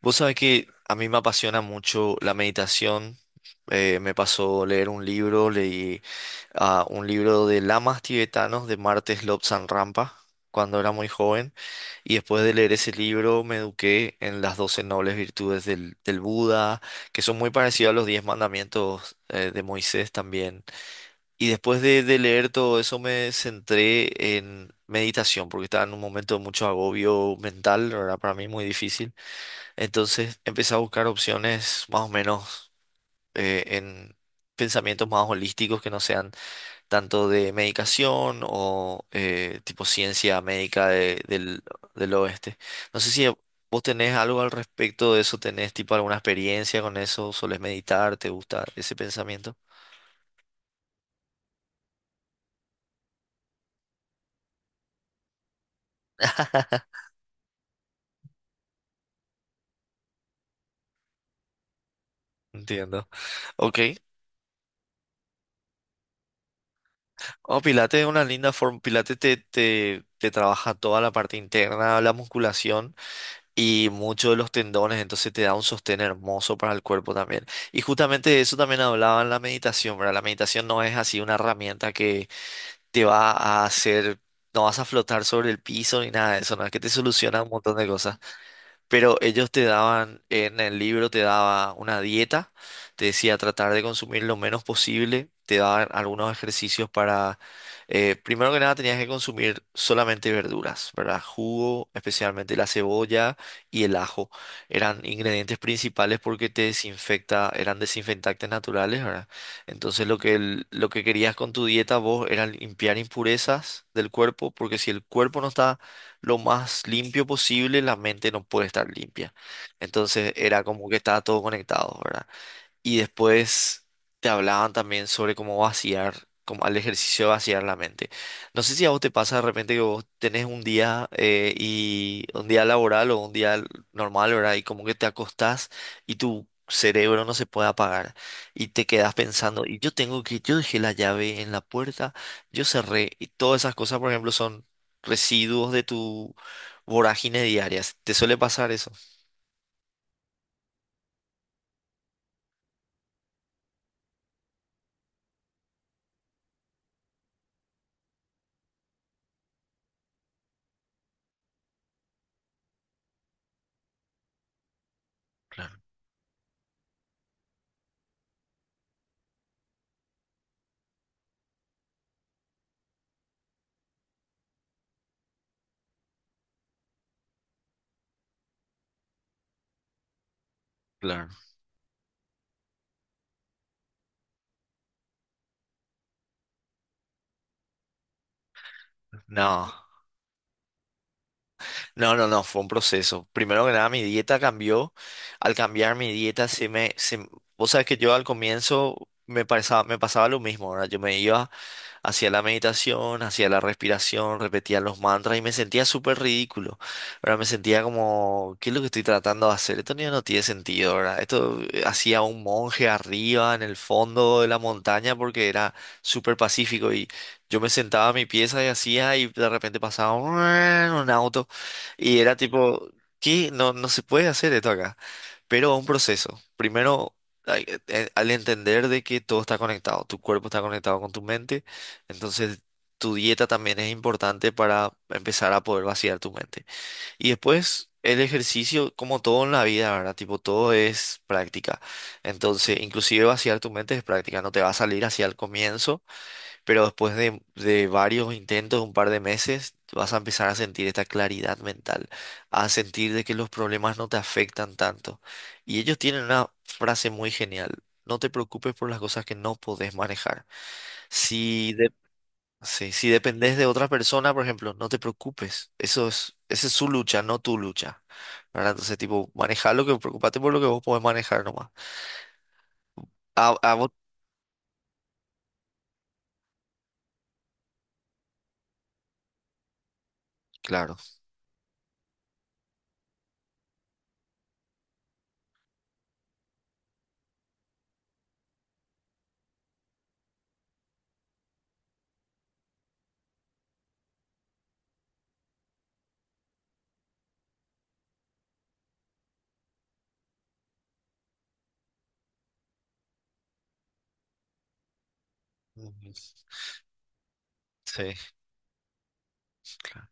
Vos sabés que a mí me apasiona mucho la meditación. Me pasó leer un libro, un libro de lamas tibetanos de Martes Lobsang Rampa cuando era muy joven. Y después de leer ese libro me eduqué en las 12 nobles virtudes del Buda, que son muy parecidas a los 10 mandamientos de Moisés también. Y después de leer todo eso me centré en meditación, porque estaba en un momento de mucho agobio mental, no era para mí muy difícil. Entonces empecé a buscar opciones más o menos en pensamientos más holísticos que no sean tanto de medicación o tipo ciencia médica del oeste. No sé si vos tenés algo al respecto de eso, tenés tipo alguna experiencia con eso, solés meditar, te gusta ese pensamiento. Entiendo. Ok. Oh, Pilates es una linda forma. Pilates te trabaja toda la parte interna, la musculación y muchos de los tendones, entonces te da un sostén hermoso para el cuerpo también. Y justamente de eso también hablaba en la meditación, ¿verdad? La meditación no es así una herramienta que te va a hacer, no vas a flotar sobre el piso ni nada de eso, no es que te soluciona un montón de cosas, pero ellos te daban, en el libro te daba una dieta, te decía tratar de consumir lo menos posible, te daban algunos ejercicios para, primero que nada tenías que consumir solamente verduras, ¿verdad? Jugo, especialmente la cebolla y el ajo, eran ingredientes principales porque te desinfecta, eran desinfectantes naturales, ¿verdad? Entonces lo que querías con tu dieta vos era limpiar impurezas del cuerpo, porque si el cuerpo no está lo más limpio posible, la mente no puede estar limpia. Entonces era como que estaba todo conectado, ¿verdad? Y después te hablaban también sobre cómo vaciar, como al ejercicio de vaciar la mente. No sé si a vos te pasa de repente que vos tenés un día y un día laboral o un día normal, ¿verdad? Y como que te acostás y tu cerebro no se puede apagar y te quedás pensando, y yo tengo que, yo dejé la llave en la puerta, yo cerré, y todas esas cosas, por ejemplo, son residuos de tu vorágine diaria. ¿Te suele pasar eso? Claro, claro. No. No, no, no, fue un proceso. Primero que nada, mi dieta cambió. Al cambiar mi dieta, vos sabés que yo al comienzo me pasaba lo mismo, ¿verdad? Yo me iba, hacía la meditación, hacía la respiración, repetía los mantras y me sentía súper ridículo. ¿Verdad? Me sentía como, ¿qué es lo que estoy tratando de hacer? Esto no tiene sentido, ¿verdad? Esto hacía un monje arriba en el fondo de la montaña porque era súper pacífico y yo me sentaba en mi pieza y hacía y de repente pasaba un auto y era tipo, ¿qué? No, no se puede hacer esto acá, pero un proceso. Primero, al entender de que todo está conectado, tu cuerpo está conectado con tu mente, entonces, tu dieta también es importante para empezar a poder vaciar tu mente. Y después, el ejercicio, como todo en la vida, ¿verdad? Tipo, todo es práctica. Entonces, inclusive vaciar tu mente es práctica. No te va a salir hacia el comienzo, pero después de varios intentos, un par de meses, vas a empezar a sentir esta claridad mental, a sentir de que los problemas no te afectan tanto. Y ellos tienen una frase muy genial. No te preocupes por las cosas que no podés manejar. Si de- Sí, si dependés de otra persona, por ejemplo, no te preocupes. Eso es, esa es su lucha, no tu lucha. ¿Verdad? Entonces, tipo, manejar lo que, preocupate por lo que vos podés manejar nomás. A vos, claro. Ujú. Sí, claro.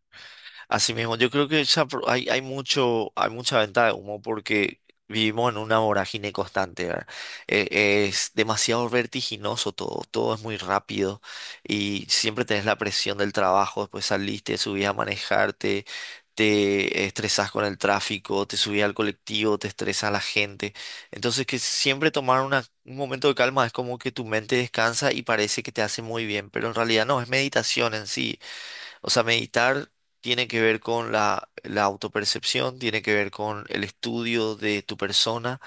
Así mismo, yo creo que hay mucha venta de humo porque vivimos en una vorágine constante, ¿verdad? Es demasiado vertiginoso todo, todo es muy rápido y siempre tenés la presión del trabajo, después saliste, subís a manejarte, te estresás con el tráfico, te subís al colectivo, te estresa la gente. Entonces que siempre tomar un momento de calma es como que tu mente descansa y parece que te hace muy bien, pero en realidad no, es meditación en sí, o sea, meditar tiene que ver con la, la autopercepción, tiene que ver con el estudio de tu persona,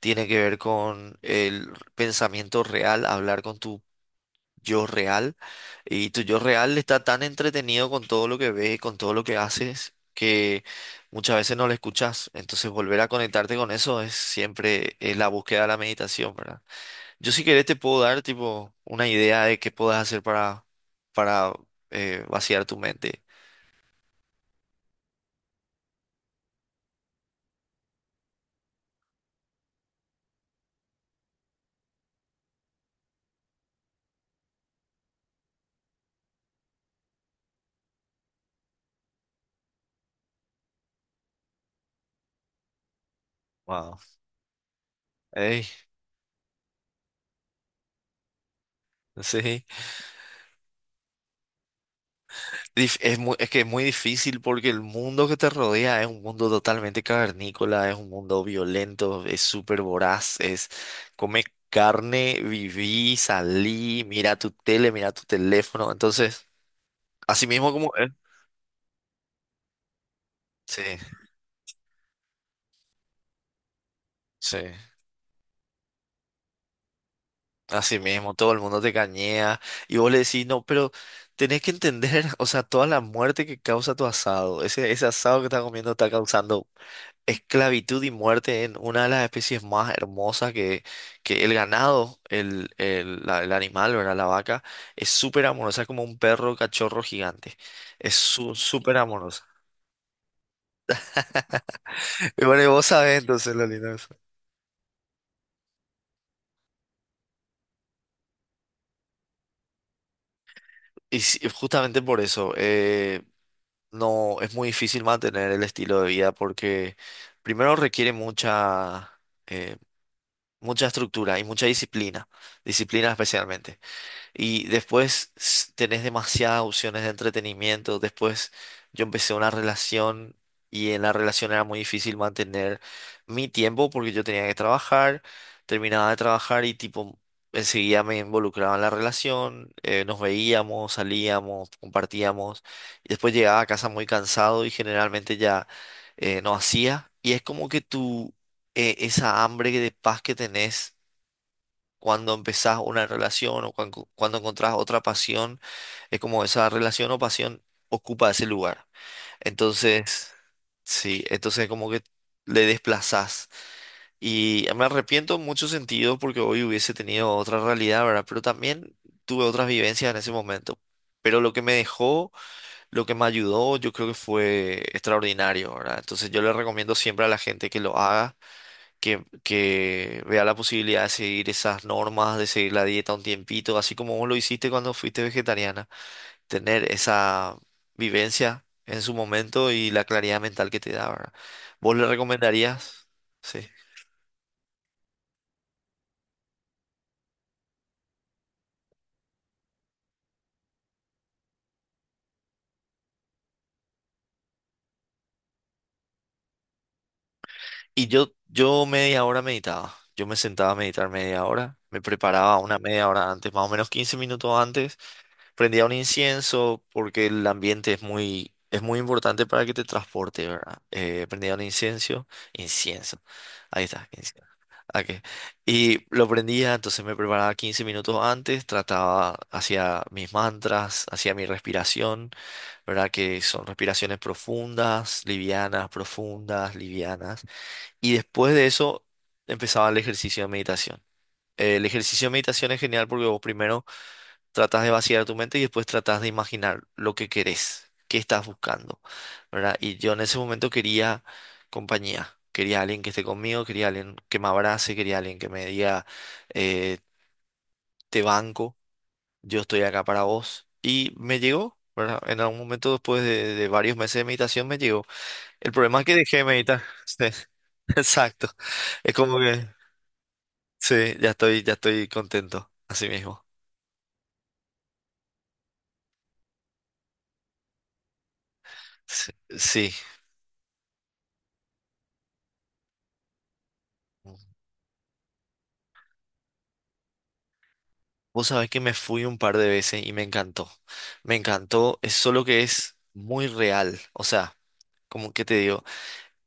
tiene que ver con el pensamiento real, hablar con tu yo real. Y tu yo real está tan entretenido con todo lo que ves, con todo lo que haces, que muchas veces no lo escuchas. Entonces volver a conectarte con eso es siempre es la búsqueda de la meditación, ¿verdad? Yo si querés te puedo dar tipo una idea de qué puedas hacer para vaciar tu mente. Wow. Ey, sí. Es que es muy difícil porque el mundo que te rodea es un mundo totalmente cavernícola, es un mundo violento, es súper voraz, es come carne, viví, salí, mira tu tele, mira tu teléfono. Entonces, así mismo como es. Sí, sí. Así mismo, todo el mundo te cañea y vos le decís, no, pero tenés que entender, o sea, toda la muerte que causa tu asado, ese asado que estás comiendo está causando esclavitud y muerte en una de las especies más hermosas que el ganado, el, el animal, ¿verdad? La vaca, es súper amorosa, es como un perro cachorro gigante, es súper amorosa. Y bueno, y vos sabés entonces lo lindo de eso. Y sí, justamente por eso. No es muy difícil mantener el estilo de vida porque primero requiere eh, mucha estructura y mucha disciplina, disciplina especialmente. Y después tenés demasiadas opciones de entretenimiento. Después yo empecé una relación y en la relación era muy difícil mantener mi tiempo porque yo tenía que trabajar, terminaba de trabajar y tipo enseguida me involucraba en la relación, nos veíamos, salíamos, compartíamos. Y después llegaba a casa muy cansado y generalmente ya no hacía. Y es como que tú, esa hambre de paz que tenés cuando empezás una relación o cuando encontrás otra pasión, es como esa relación o pasión ocupa ese lugar. Entonces, sí, entonces como que le desplazás. Y me arrepiento en muchos sentidos porque hoy hubiese tenido otra realidad, ¿verdad? Pero también tuve otras vivencias en ese momento. Pero lo que me dejó, lo que me ayudó, yo creo que fue extraordinario, ¿verdad? Entonces yo le recomiendo siempre a la gente que lo haga, que vea la posibilidad de seguir esas normas, de seguir la dieta un tiempito, así como vos lo hiciste cuando fuiste vegetariana, tener esa vivencia en su momento y la claridad mental que te da, ¿verdad? ¿Vos le recomendarías? Sí. Y yo media hora meditaba, yo me sentaba a meditar media hora, me preparaba una media hora antes, más o menos 15 minutos antes, prendía un incienso porque el ambiente es muy importante para que te transporte, ¿verdad? Prendía un incienso, incienso, ahí está, incienso. Ok. Y lo prendía, entonces me preparaba 15 minutos antes, trataba, hacía mis mantras, hacía mi respiración, ¿verdad? Que son respiraciones profundas, livianas, profundas, livianas. Y después de eso empezaba el ejercicio de meditación. El ejercicio de meditación es genial porque vos primero tratas de vaciar tu mente y después tratas de imaginar lo que querés, qué estás buscando, ¿verdad? Y yo en ese momento quería compañía, quería alguien que esté conmigo, quería alguien que me abrace, quería alguien que me diga, eh, te banco, yo estoy acá para vos. Y me llegó, ¿verdad? En algún momento después de varios meses de meditación me llegó. El problema es que dejé de meditar. Sí, exacto. Es como que, sí, ya estoy contento, así mismo. Sí. Sí. Vos sabés que me fui un par de veces y me encantó. Me encantó, es solo que es muy real. O sea, como que te digo,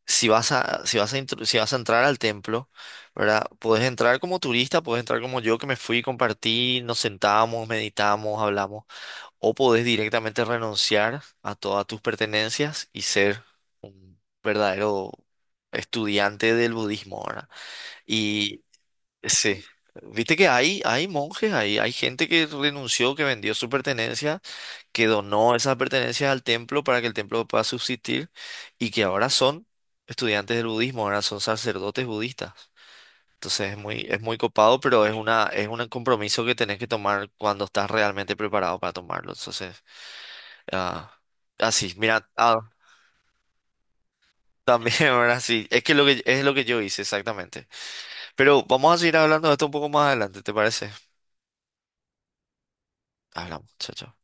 si vas a, si vas a entrar al templo, ¿verdad? Podés entrar como turista, podés entrar como yo que me fui, compartí, nos sentamos, meditamos, hablamos. O podés directamente renunciar a todas tus pertenencias y ser un verdadero estudiante del budismo, ¿verdad? Sí. Viste que hay monjes, hay gente que renunció, que vendió su pertenencia, que donó esas pertenencias al templo para que el templo pueda subsistir y que ahora son estudiantes del budismo, ahora son sacerdotes budistas. Entonces es muy copado, pero es una, es un compromiso que tenés que tomar cuando estás realmente preparado para tomarlo. Entonces, ah, así, mira, ah, también, ahora sí, es lo que yo hice exactamente. Pero vamos a seguir hablando de esto un poco más adelante, ¿te parece? Hablamos, chao, chao.